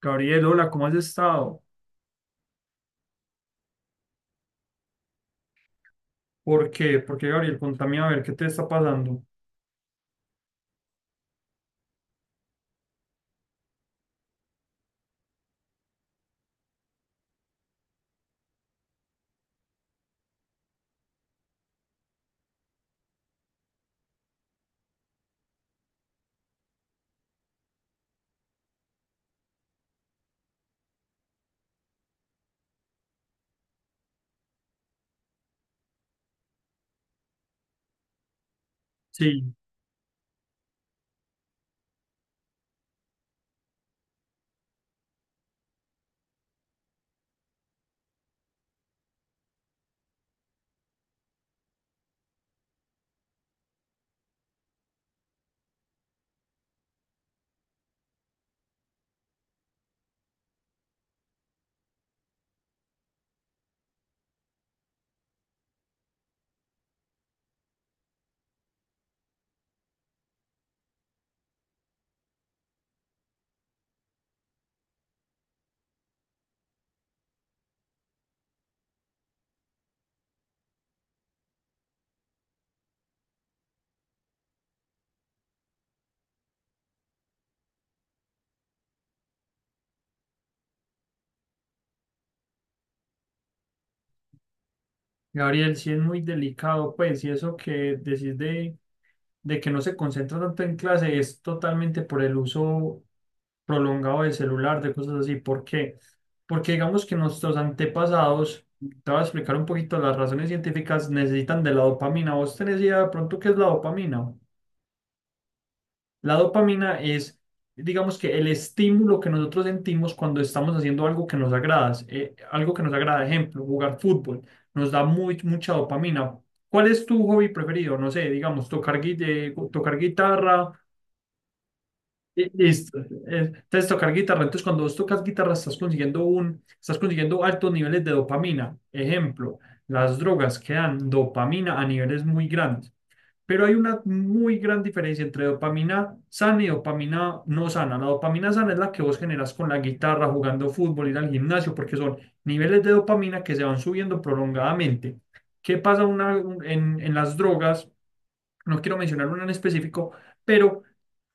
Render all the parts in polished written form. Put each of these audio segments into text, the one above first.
Gabriel, hola, ¿cómo has estado? ¿Por qué? ¿Por qué, Gabriel? Contame a ver qué te está pasando. Sí, Gabriel, sí es muy delicado, pues, y eso que decís de que no se concentra tanto en clase es totalmente por el uso prolongado del celular, de cosas así. ¿Por qué? Porque digamos que nuestros antepasados, te voy a explicar un poquito las razones científicas, necesitan de la dopamina. ¿Vos tenés idea de pronto qué es la dopamina? La dopamina es, digamos que el estímulo que nosotros sentimos cuando estamos haciendo algo que nos agrada, algo que nos agrada, ejemplo, jugar fútbol, nos da mucha dopamina. ¿Cuál es tu hobby preferido? No sé, digamos, tocar guitarra. Listo. Entonces, tocar guitarra. Entonces, cuando vos tocas guitarra, estás consiguiendo altos niveles de dopamina. Ejemplo, las drogas que dan dopamina a niveles muy grandes. Pero hay una muy gran diferencia entre dopamina sana y dopamina no sana. La dopamina sana es la que vos generas con la guitarra, jugando fútbol, ir al gimnasio, porque son niveles de dopamina que se van subiendo prolongadamente. ¿Qué pasa en las drogas? No quiero mencionar uno en específico, pero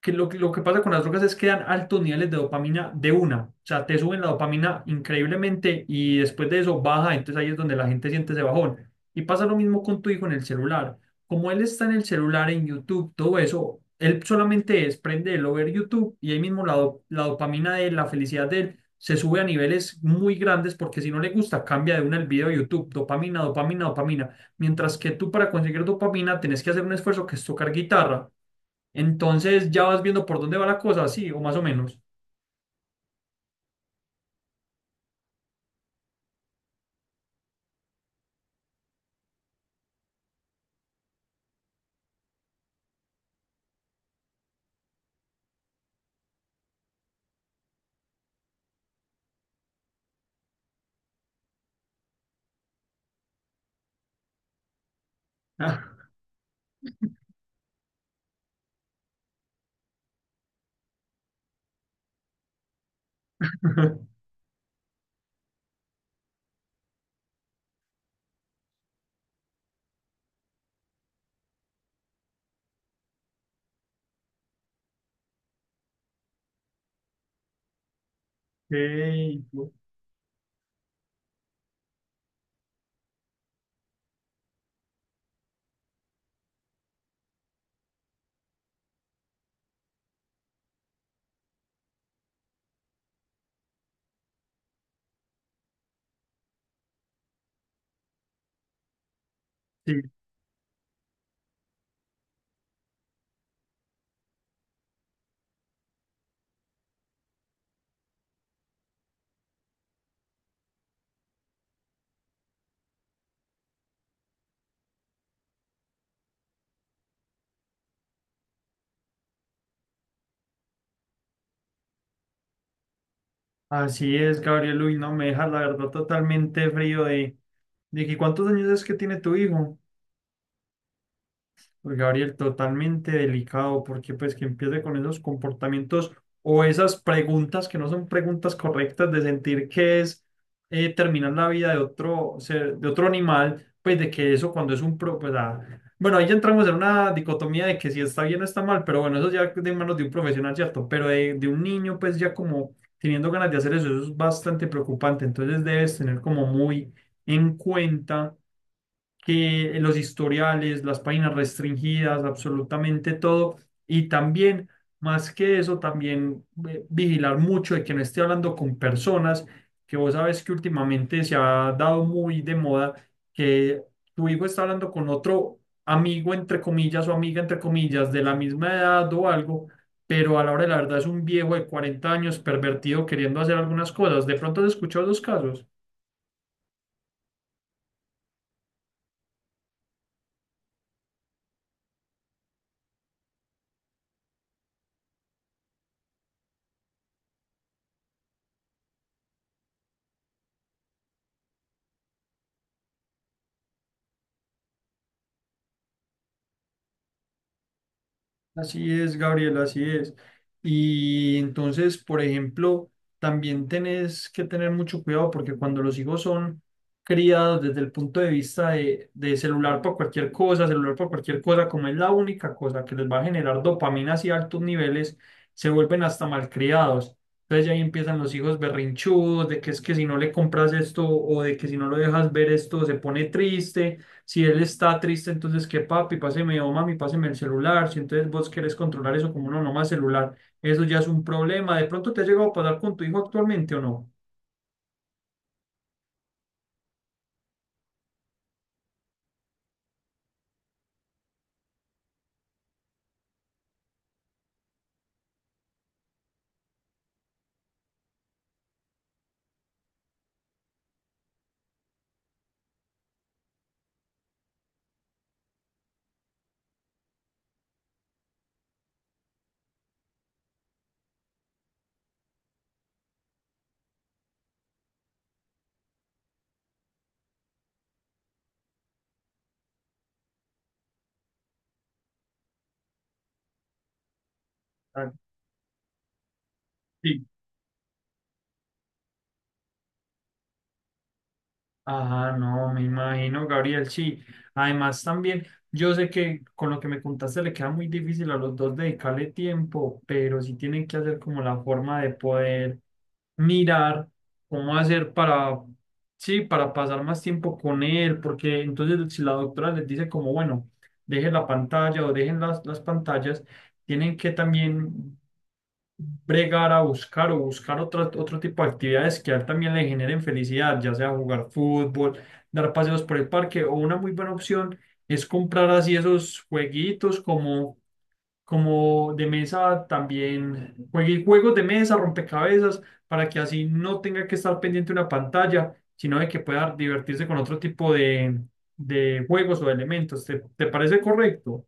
que lo que pasa con las drogas es que dan altos niveles de dopamina de una. O sea, te suben la dopamina increíblemente y después de eso baja, entonces ahí es donde la gente siente ese bajón. Y pasa lo mismo con tu hijo en el celular. Como él está en el celular, en YouTube, todo eso, él solamente es prenderlo, ver YouTube y ahí mismo la dopamina de él, la felicidad de él. Se sube a niveles muy grandes porque si no le gusta, cambia de una el video de YouTube, dopamina, dopamina, dopamina. Mientras que tú para conseguir dopamina tenés que hacer un esfuerzo que es tocar guitarra. Entonces ya vas viendo por dónde va la cosa, sí, o más o menos. Ah. Ey. Sí, así es, Gabriel. Uy, no me dejas la verdad totalmente frío de que cuántos años es que tiene tu hijo. Pues, Gabriel, totalmente delicado, porque pues que empiece con esos comportamientos o esas preguntas que no son preguntas correctas de sentir que es terminar la vida de otro ser, de otro animal, pues de que eso cuando es un pro, pues, ah, bueno, ahí ya entramos en una dicotomía de que si está bien o está mal, pero bueno, eso ya de manos de un profesional, ¿cierto? Pero de un niño, pues ya como teniendo ganas de hacer eso, eso es bastante preocupante, entonces debes tener como muy en cuenta que los historiales, las páginas restringidas, absolutamente todo. Y también, más que eso, también vigilar mucho de que no esté hablando con personas que vos sabes que últimamente se ha dado muy de moda que tu hijo está hablando con otro amigo, entre comillas, o amiga, entre comillas, de la misma edad o algo. Pero a la hora de la verdad es un viejo de 40 años pervertido queriendo hacer algunas cosas. ¿De pronto has escuchado los casos? Así es, Gabriel, así es. Y entonces, por ejemplo, también tenés que tener mucho cuidado porque cuando los hijos son criados desde el punto de vista de celular por cualquier cosa, celular por cualquier cosa, como es la única cosa que les va a generar dopamina y altos niveles, se vuelven hasta malcriados. Entonces ya ahí empiezan los hijos berrinchudos, de que es que si no le compras esto o de que si no lo dejas ver esto se pone triste si él está triste, entonces que papi, páseme o mami, páseme el celular. Si entonces vos querés controlar eso como no, no más celular, eso ya es un problema. ¿De pronto te ha llegado a pasar con tu hijo actualmente o no? Ah. Sí. Ajá, no, me imagino, Gabriel, sí. Además, también, yo sé que con lo que me contaste le queda muy difícil a los dos dedicarle tiempo, pero sí tienen que hacer como la forma de poder mirar cómo hacer para, sí, para pasar más tiempo con él, porque entonces si la doctora les dice como, bueno, dejen la pantalla o dejen las pantallas, tienen que también bregar a buscar o buscar otro tipo de actividades que a él también le generen felicidad, ya sea jugar fútbol, dar paseos por el parque o una muy buena opción es comprar así esos jueguitos como de mesa, también juegue juegos de mesa, rompecabezas, para que así no tenga que estar pendiente de una pantalla, sino de que pueda divertirse con otro tipo de juegos o de elementos. ¿Te, te parece correcto?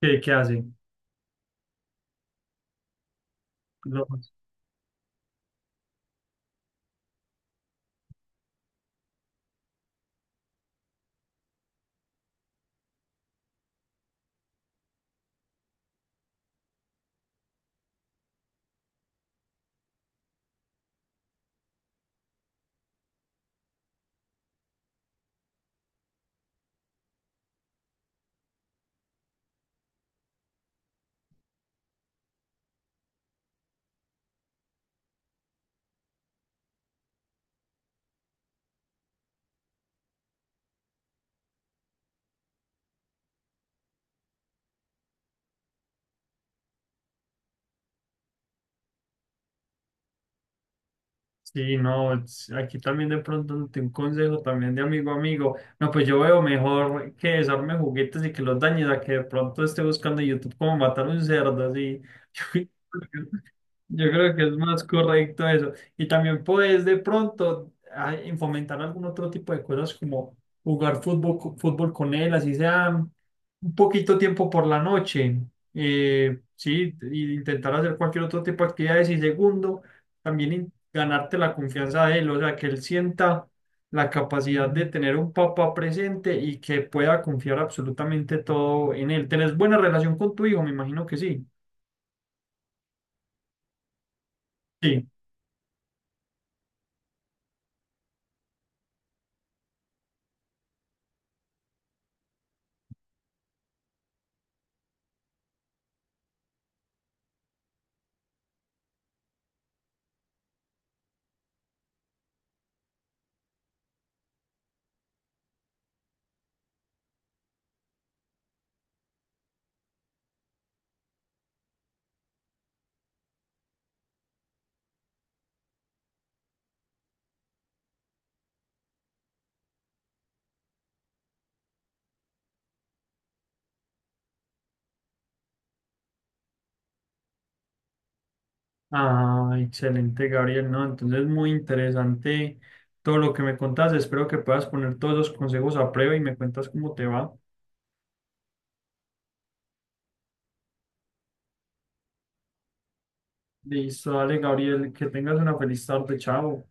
¿Qué, qué hace? No. Sí, no, es- aquí también de pronto ante un consejo también de amigo a amigo. No, pues yo veo mejor que desarme juguetes y que los dañes a que de pronto esté buscando en YouTube cómo matar un cerdo, así. Yo creo que es más correcto eso. Y también puedes de pronto ah, fomentar algún otro tipo de cosas como jugar fútbol, fútbol con él, así sea un poquito tiempo por la noche. Sí, y intentar hacer cualquier otro tipo de actividades. Y segundo también ganarte la confianza de él, o sea, que él sienta la capacidad de tener un papá presente y que pueda confiar absolutamente todo en él. ¿Tenés buena relación con tu hijo? Me imagino que sí. Sí. Ah, excelente, Gabriel, ¿no? Entonces, muy interesante todo lo que me contás. Espero que puedas poner todos los consejos a prueba y me cuentas cómo te va. Listo, dale, Gabriel, que tengas una feliz tarde, chao.